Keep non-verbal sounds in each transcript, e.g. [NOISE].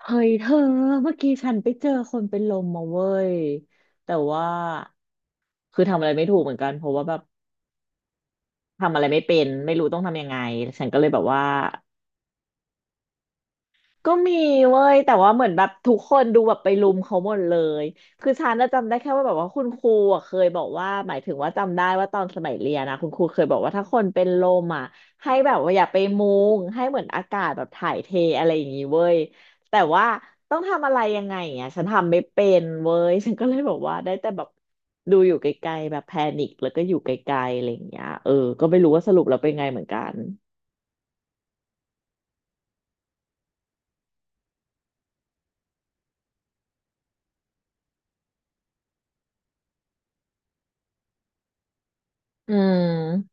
เฮ้ยเธอเมื่อกี้ฉันไปเจอคนเป็นลมมาเว้ยแต่ว่าทำอะไรไม่ถูกเหมือนกันเพราะว่าแบบทำอะไรไม่เป็นไม่รู้ต้องทำยังไงฉันก็เลยแบบว่า ก็มีเว้ยแต่ว่าเหมือนแบบทุกคนดูแบบไปรุมเขาหมดเลยฉันน่ะจำได้แค่ว่าคุณครูอ่ะเคยบอกว่าหมายถึงว่าจำได้ว่าตอนสมัยเรียนนะคุณครูเคยบอกว่าถ้าคนเป็นลมอ่ะให้แบบว่าอย่าไปมุงให้เหมือนอากาศแบบถ่ายเทอะไรอย่างงี้เว้ยแต่ว่าต้องทำอะไรยังไงอ่ะฉันทำไม่เป็นเว้ย [LAUGHS] ฉันก็เลยบอกว่าได้แต่แบบดูอยู่ไกลๆแบบแพนิคแล้วก็อยู่ไกลๆอะไรอย่างเงี้ยเออก็ไม่รู้ว่าสรุปแล้วเป็นไงเหมือนกันอืม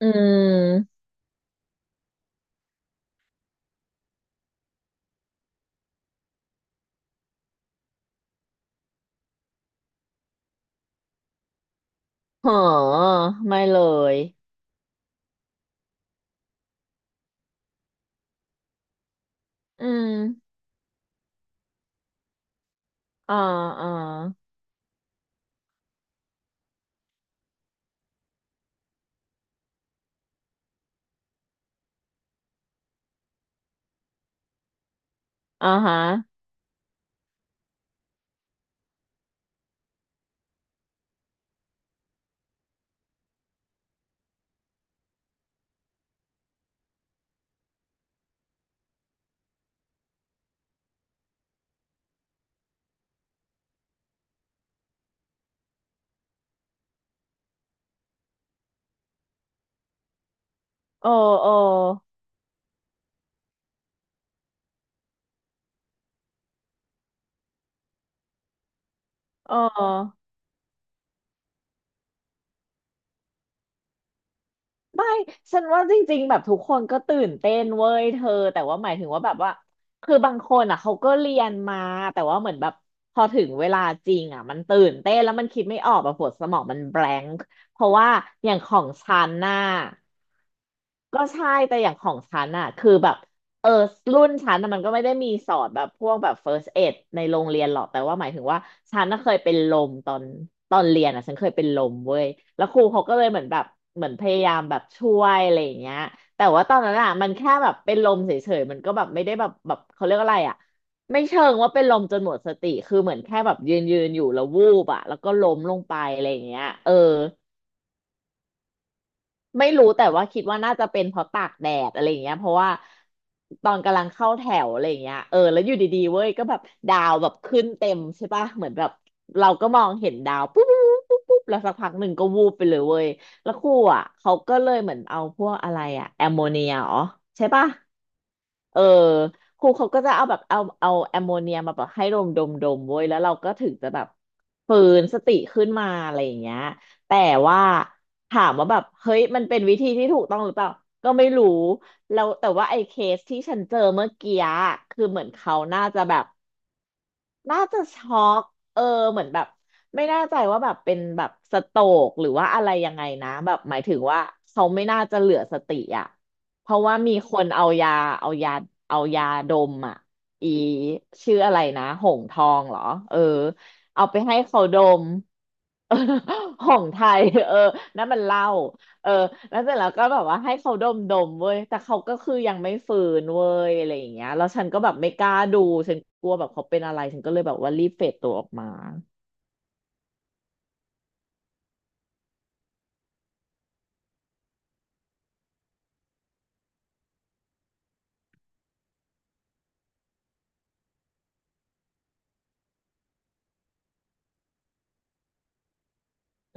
อืม เหอไม่เลยอืมอ่าอ่าอ่าฮะโอโอโอไม่ฉันว่าจริงๆแบบทุกคนก็ตื่นเต้นเว้ยเธอแต่ว่าหมายถึงว่าบางคนอ่ะเขาก็เรียนมาแต่ว่าเหมือนแบบพอถึงเวลาจริงอ่ะมันตื่นเต้นแล้วมันคิดไม่ออกแบบหัวสมองมันแบลงก์เพราะว่าอย่างของฉันน่ะก็ใช่แต่อย่างของฉันอะคือแบบ เออรุ่นฉันน่ะมันก็ไม่ได้มีสอนแบบพวกแบบ first aid ในโรงเรียนหรอกแต่ว่าหมายถึงว่าฉันน่ะเคยเป็นลมตอนเรียนอ่ะฉันเคยเป็นลมเว้ยแล้วครูเขาก็เลยเหมือนแบบเหมือนพยายามแบบช่วยอะไรอย่างเงี้ยแต่ว่าตอนนั้นอ่ะมันแค่แบบเป็นลมเฉยๆมันก็แบบไม่ได้แบบแบบเขาเรียกอะไรอ่ะไม่เชิงว่าเป็นลมจนหมดสติเหมือนแค่แบบยืนอยู่แล้ววูบอ่ะแล้วก็ล้มลงไปอะไรอย่างเงี้ยเออ ไม่รู้แต่ว่าคิดว่าน่าจะเป็นเพราะตากแดดอะไรอย่างเงี้ยเพราะว่าตอนกำลังเข้าแถวอะไรอย่างเงี้ยเออแล้วอยู่ดีๆเว้ยก็แบบดาวแบบขึ้นเต็มใช่ปะเหมือนแบบเราก็มองเห็นดาวปุ๊บปุ๊บปุ๊บปุ๊บแล้วสักพักหนึ่งก็วูบไปเลยเว้ยแล้วครูอ่ะเขาก็เลยเหมือนเอาพวกอะไรอ่ะแอมโมเนียอ๋อใช่ปะ เออครูเขาก็จะเอาแบบเอาแอมโมเนียมาแบบให้ดมดมเว้ยแล้วเราก็ถึงจะแบบฟื้นสติขึ้นมาอะไรอย่างเงี้ยแต่ว่าถามว่าแบบเฮ้ยมันเป็นวิธีที่ถูกต้องหรือเปล่าก็ไม่รู้แล้วแต่ว่าไอ้เคสที่ฉันเจอเมื่อกี้อะเหมือนเขาน่าจะแบบ น่าจะช็อกเออเหมือนแบบไม่แน่ใจว่าแบบเป็นแบบสโตรกหรือว่าอะไรยังไงนะแบบหมายถึงว่าเขาไม่น่าจะเหลือสติอ่ะเพราะว่ามีคนเอายาเอายาเอายาดมอ่ะอีชื่ออะไรนะหงทองเหรอเออเอาไปให้เขาดม [LAUGHS] เออของไทยเออนั่นมันเหล้าเออแล้วเสร็จแล้วก็แบบว่าให้เขาดมดมเว้ยแต่เขาก็ยังไม่ฟื้นเว้ยอะไรอย่างเงี้ยแล้วฉันก็แบบไม่กล้าดูฉันกลัวแบบเขาเป็นอะไรฉันก็เลยแบบว่ารีบเฟดตัวออกมา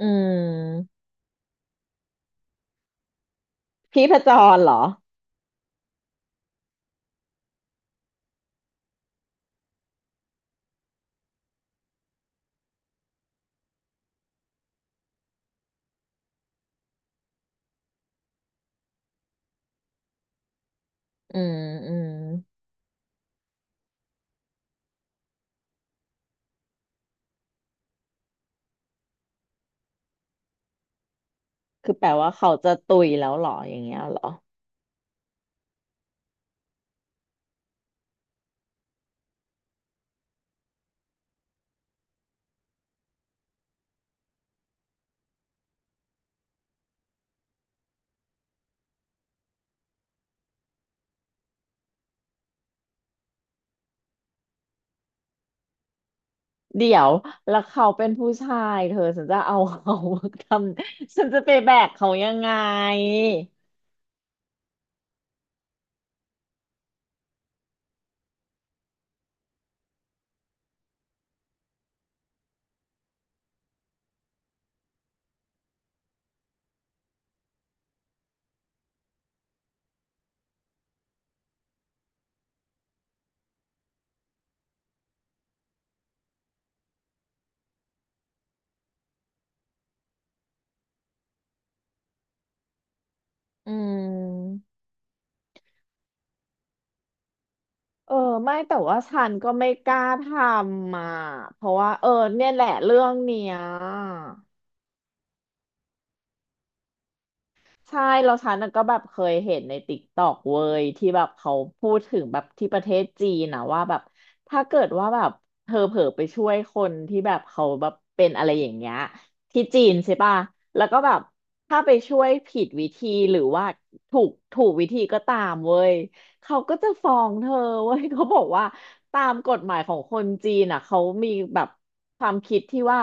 อืมพี่พจรเหรออืมอืมแปลว่าเขาจะตุยแล้วเหรออย่างเงี้ยเหรอเดี๋ยวแล้วเขาเป็นผู้ชายเธอฉันจะเอาเขา [LAUGHS] ทำฉันจะไปแบกเขายังไงอืม เออไม่แต่ว่าฉันก็ไม่กล้าทำอ่ะเพราะว่าเออเนี่ยแหละเรื่องเนี้ยใช่แล้วฉันน่ะก็แบบเคยเห็นในติ๊กตอกเว้ยที่แบบเขาพูดถึงแบบที่ประเทศจีนนะว่าแบบถ้าเกิดว่าแบบเธอเผลอไปช่วยคนที่แบบเขาแบบเป็นอะไรอย่างเงี้ยที่จีนใช่ป่ะแล้วก็แบบถ้าไปช่วยผิดวิธีหรือว่าถูกวิธีก็ตามเว้ย เขาก็จะฟ้องเธอเว้ยเขาบอกว่าตามกฎหมายของคนจีนอ่ะเขามีแบบความคิดที่ว่า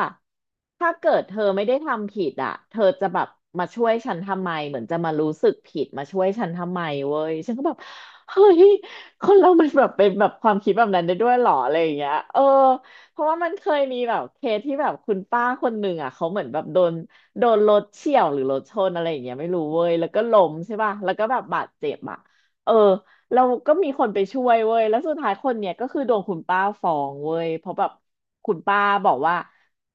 ถ้าเกิดเธอไม่ได้ทำผิดอ่ะเธอจะแบบมาช่วยฉันทำไมเหมือนจะมารู้สึกผิดมาช่วยฉันทำไมเว้ยฉันก็แบบเฮ้ยคนเรามันแบบเป็นแบบความคิดแบบนั้นได้ด้วยเหรออะไรอย่างเงี้ยเออเพราะว่ามันเคยมีแบบเคสที่แบบคุณป้าคนหนึ่งอ่ะเขาเหมือนแบบโดนรถเฉี่ยวหรือรถชนอะไรอย่างเงี้ยไม่รู้เว้ยแล้วก็ล้มใช่ป่ะแล้วก็แบบบาดเจ็บอ่ะเออ เราก็มีคนไปช่วยเว้ยแล้วสุดท้ายคนเนี้ยก็คือโดนคุณป้าฟ้องเว้ยเพราะแบบคุณป้าบอกว่า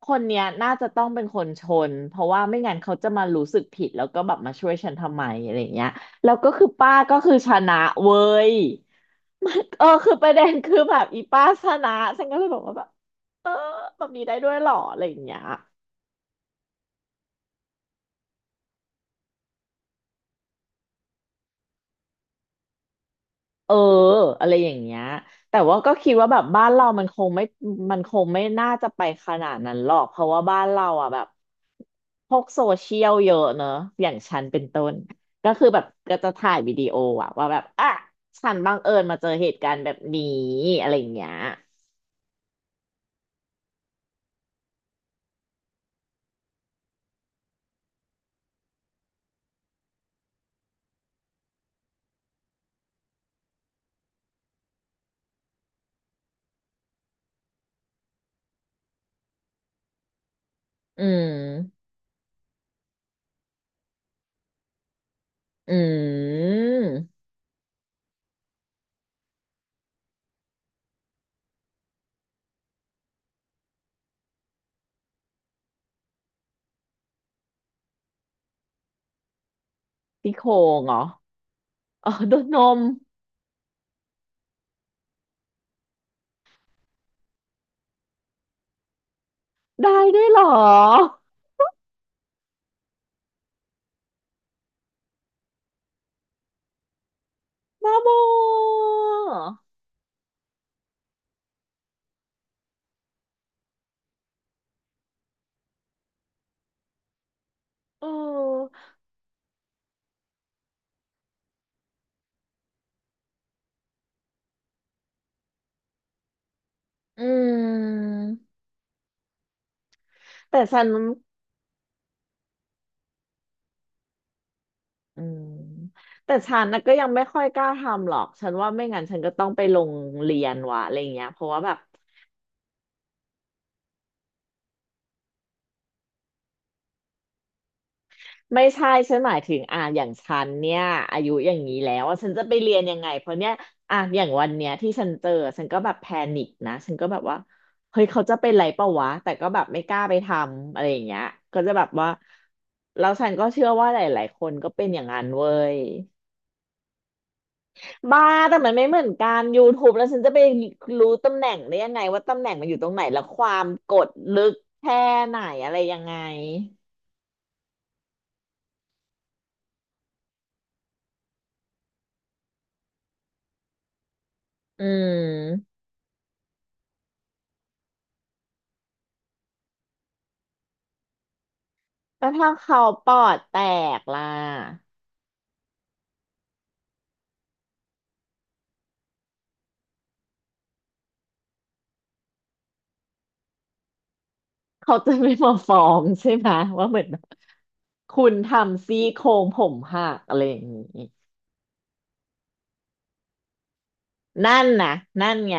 คนเนี้ยน่าจะต้องเป็นคนชนเพราะว่าไม่งั้นเขาจะมารู้สึกผิดแล้วก็แบบมาช่วยฉันทำไมอะไรเงี้ยแล้วก็คือป้าก็คือชนะเว้ย [LAUGHS] มันคือประเด็นคือแบบอีป้าชนะฉันก็เลยบอกว่าแบบเออแบบนี้ได้ด้วยเหรออะไรอย่างเงี้ย เอออะไรอย่างเงี้ยแต่ว่าก็คิดว่าแบบบ้านเรามันคงไม่น่าจะไปขนาดนั้นหรอกเพราะว่าบ้านเราอ่ะแบบพวกโซเชียลเยอะเนอะอย่างฉันเป็นต้นก็คือแบบก็จะถ่ายวิดีโออะว่าแบบอ่ะฉันบังเอิญมาเจอเหตุการณ์แบบนี้อะไรอย่างเงี้ยอืมอืมพี่โคงเหรออ๋อ [LAUGHS] โดนนมได้ด้วยเหรอบ้าบอเอออืม แต่ฉันอืมแต่ฉันนะก็ยังไม่ค่อยกล้าทำหรอก ฉันว่าไม่งั้นฉันก็ต้องไปลงเรียนวะอะไรเงี้ยเพราะว่าแบบไม่ใช่ฉันหมายถึงอ่ะอย่างฉันเนี่ยอายุอย่างนี้แล้วอะฉันจะไปเรียนยังไงเพราะเนี่ยอ่ะอย่างวันเนี้ยที่ฉันเจอฉันก็แบบแพนิคนะฉันก็แบบว่าเฮ้ยเขาจะเป็นไรเปล่าวะแต่ก็แบบไม่กล้าไปทำอะไรอย่างเงี้ยก็จะแบบว่าแล้วฉันก็เชื่อว่าหลายๆคนก็เป็นอย่างนั้นเว้ย บ้าแต่มันไม่เหมือนกัน YouTube แล้วฉันจะไปรู้ตำแหน่งได้ยังไงว่าตำแหน่งมันอยู่ตรงไหนแล้วความกดลึกแค่ไหนอะไรยังไงอืมแล้วถ้าเขาปอดแตกล่ะเขาจะไม่มาฟ้องใช่ไหมว่าเหมือนแบบคุณทำซี่โครงผมหักอะไรอย่างนี้นั่นนะนั่นไง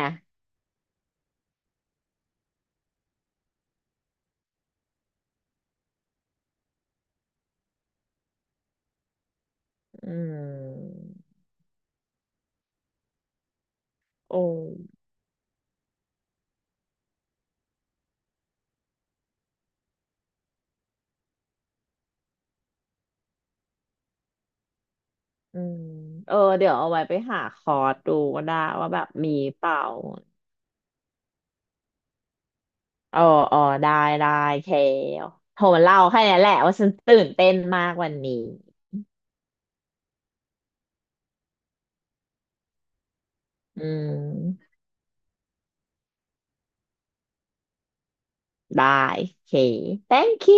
อืมโอ้อืมเออเดี๋ยวเอาไว้ไปหาคอร์สดูก็ได้ว่าแบบมีเปล่า เออเออได้ ได้เคโทรมาเล่าแค่นี้แหละว่าฉันตื่นเต้นมากวันนี้ อืม ได้โอเค thank you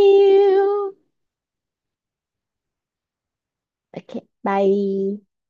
โอเค bye